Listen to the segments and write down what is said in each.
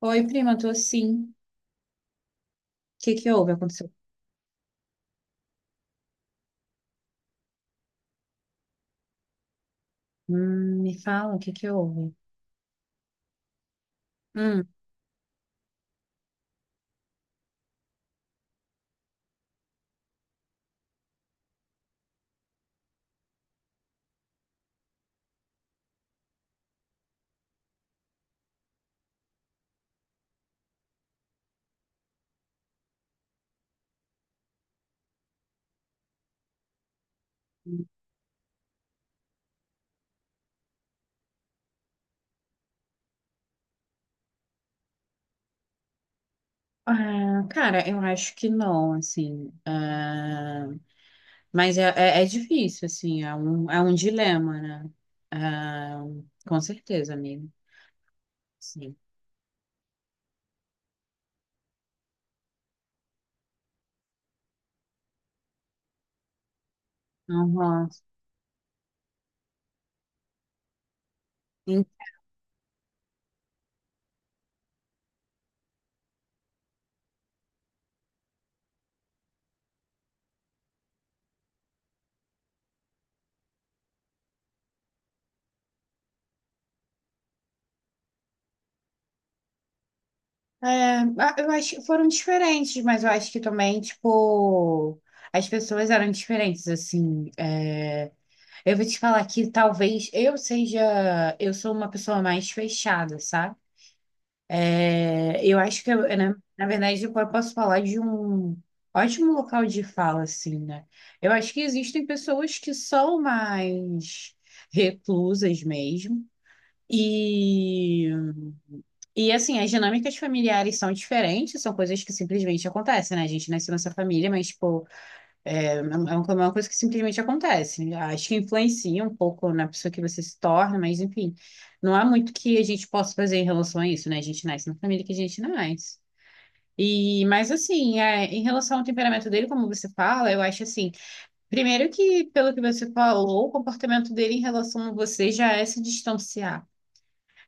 Oi, prima, tô sim. O que que houve? Aconteceu? Me fala, o que que houve? Hum. Ah, cara, eu acho que não, assim. Mas é, é difícil, assim, é um dilema, né? Ah, com certeza, amigo. Sim. Aham. Sim. Eu acho que foram diferentes, mas eu acho que também, tipo, as pessoas eram diferentes, assim. Eu vou te falar que eu sou uma pessoa mais fechada, sabe? Eu acho que, eu, né, na verdade, eu posso falar de um ótimo local de fala, assim, né? Eu acho que existem pessoas que são mais reclusas mesmo. E, e assim, as dinâmicas familiares são diferentes, são coisas que simplesmente acontecem, né? A gente nasce nessa família, mas, pô. É uma coisa que simplesmente acontece. Acho que influencia um pouco na pessoa que você se torna, mas enfim, não há muito que a gente possa fazer em relação a isso, né? A gente nasce na família que a gente nasce. Mas assim, é, em relação ao temperamento dele, como você fala, eu acho assim, primeiro que, pelo que você falou, o comportamento dele em relação a você já é se distanciar.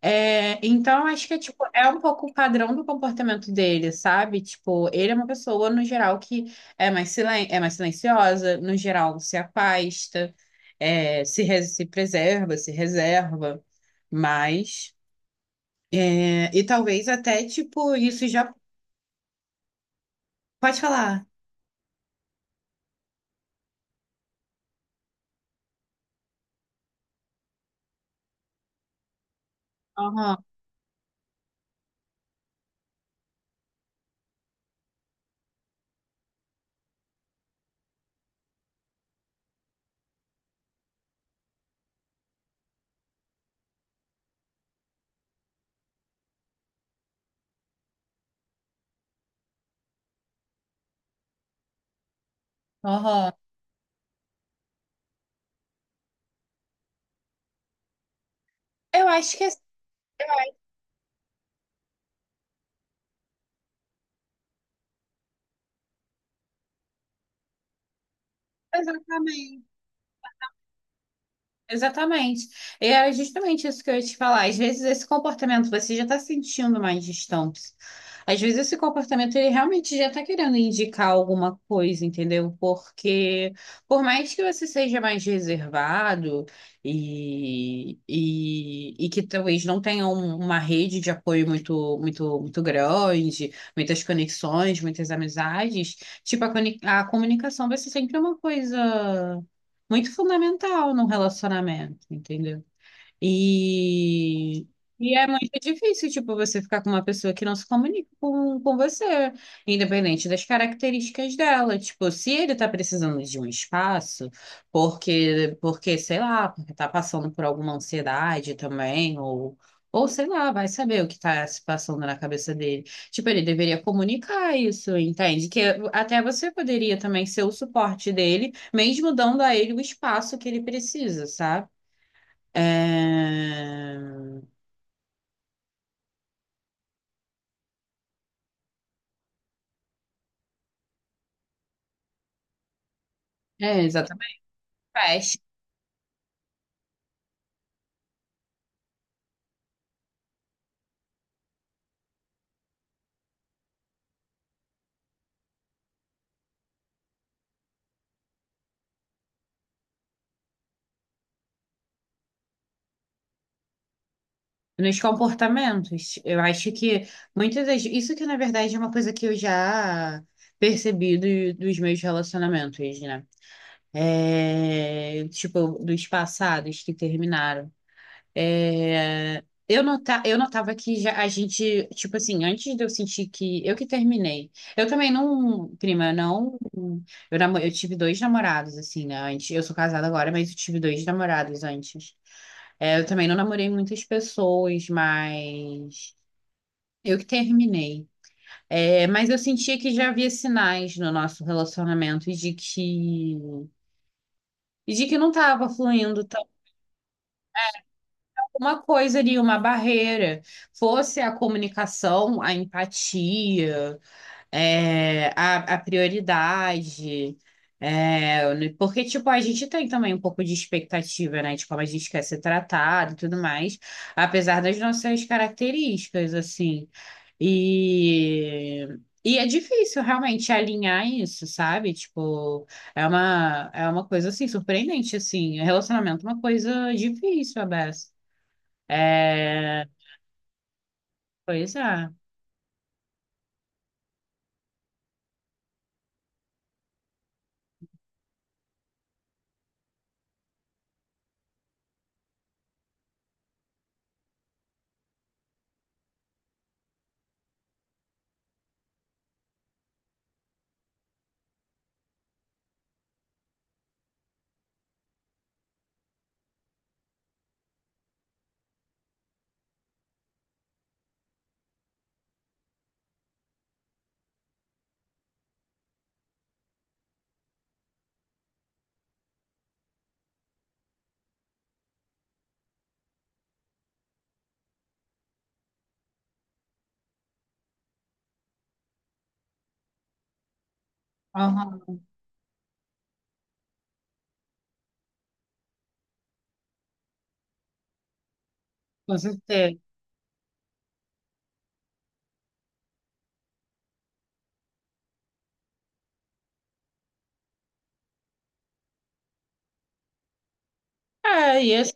É, então, acho que é, tipo, é um pouco o padrão do comportamento dele, sabe? Tipo, ele é uma pessoa, no geral, que é mais, silen é mais silenciosa, no geral, se afasta, é, se preserva, se reserva, mas... é, e talvez até, tipo, isso já... Pode falar. Aham, aham. Eu acho que é exatamente. Exatamente. E é justamente isso que eu ia te falar. Às vezes esse comportamento você já está sentindo mais distante. Às vezes esse comportamento ele realmente já está querendo indicar alguma coisa, entendeu? Porque por mais que você seja mais reservado e que talvez não tenha uma rede de apoio muito grande, muitas conexões, muitas amizades, tipo a comunicação vai ser sempre uma coisa muito fundamental num relacionamento, entendeu? E, e é muito difícil, tipo, você ficar com uma pessoa que não se comunica com você, independente das características dela. Tipo, se ele tá precisando de um espaço, sei lá, porque tá passando por alguma ansiedade também, ou sei lá, vai saber o que tá se passando na cabeça dele. Tipo, ele deveria comunicar isso, entende? Que até você poderia também ser o suporte dele, mesmo dando a ele o espaço que ele precisa, sabe? É, exatamente. Faz. Nos comportamentos. Eu acho que muitas das. Isso que, na verdade, é uma coisa que eu já percebi dos meus relacionamentos, né? É, tipo, dos passados que terminaram. É, eu notava que já a gente, tipo assim, antes de eu sentir que eu que terminei. Eu também não, prima, eu não. Eu tive dois namorados, assim, né? Antes, eu sou casada agora, mas eu tive dois namorados antes. É, eu também não namorei muitas pessoas, mas eu que terminei. É, mas eu sentia que já havia sinais no nosso relacionamento e de que não estava fluindo uma coisa ali, uma barreira. Fosse a comunicação, a empatia, a prioridade. É, né, porque, tipo, a gente tem também um pouco de expectativa, né? De como a gente quer ser tratado e tudo mais, apesar das nossas características, assim. E. E é difícil realmente alinhar isso, sabe? É uma coisa assim, surpreendente, assim. Relacionamento é uma coisa difícil, Abessa. É, pois é. Aham, com certeza. É, e, esse-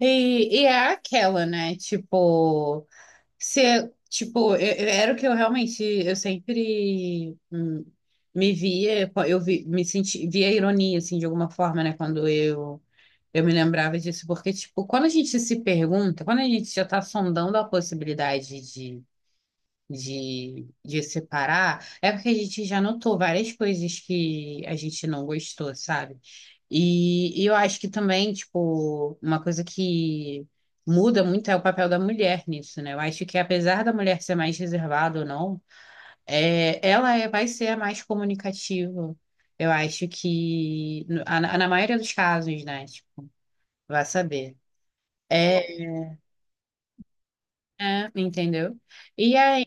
é aquela, né? Tipo, se, tipo, era o que eu realmente, eu sempre me via, me senti, via ironia, assim, de alguma forma, né? Eu me lembrava disso, porque, tipo, quando a gente se pergunta, quando a gente já tá sondando a possibilidade de separar, é porque a gente já notou várias coisas que a gente não gostou, sabe? E eu acho que também, tipo, uma coisa que muda muito é o papel da mulher nisso, né? Eu acho que apesar da mulher ser mais reservada ou não, vai ser a mais comunicativa. Eu acho que, na maioria dos casos, né? Tipo, vai saber. É, entendeu? E aí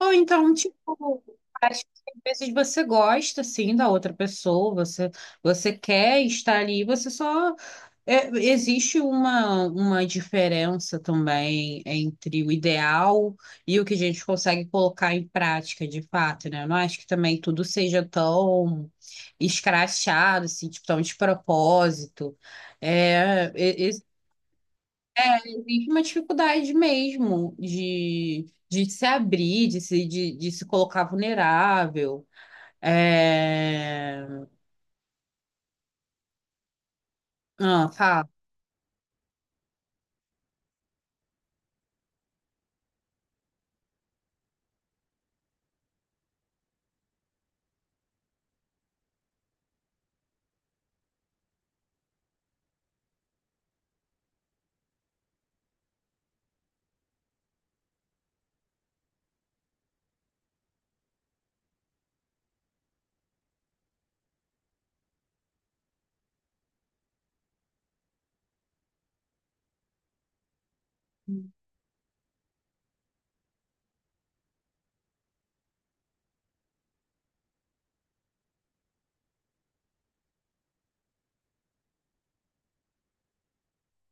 ou então, tipo, acho que às vezes você gosta, assim, da outra pessoa, você, você quer estar ali, você só... é, existe uma diferença também entre o ideal e o que a gente consegue colocar em prática, de fato, né? Eu não acho que também tudo seja tão escrachado, assim, tipo, tão de propósito. É, vive uma dificuldade mesmo de se abrir, de se colocar vulnerável. É... Ah, fala.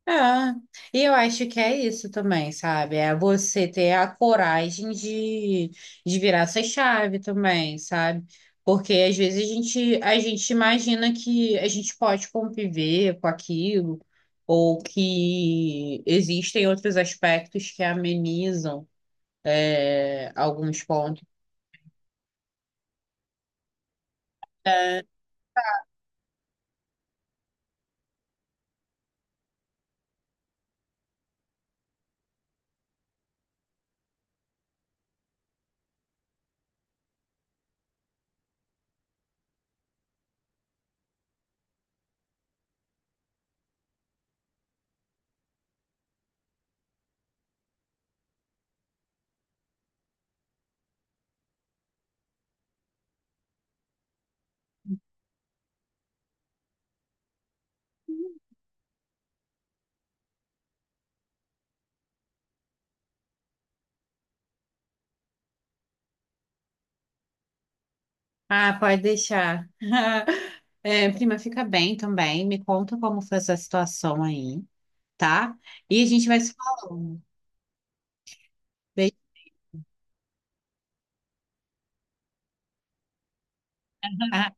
É, e eu acho que é isso também, sabe? É você ter a coragem de virar essa chave também, sabe? Porque às vezes a gente imagina que a gente pode conviver com aquilo, ou que existem outros aspectos que amenizam. É, alguns pontos. Ah, pode deixar. É, prima, fica bem também. Me conta como foi essa situação aí, tá? E a gente vai se falando. Beijo. Ah,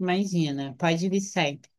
imagina, pode vir sempre.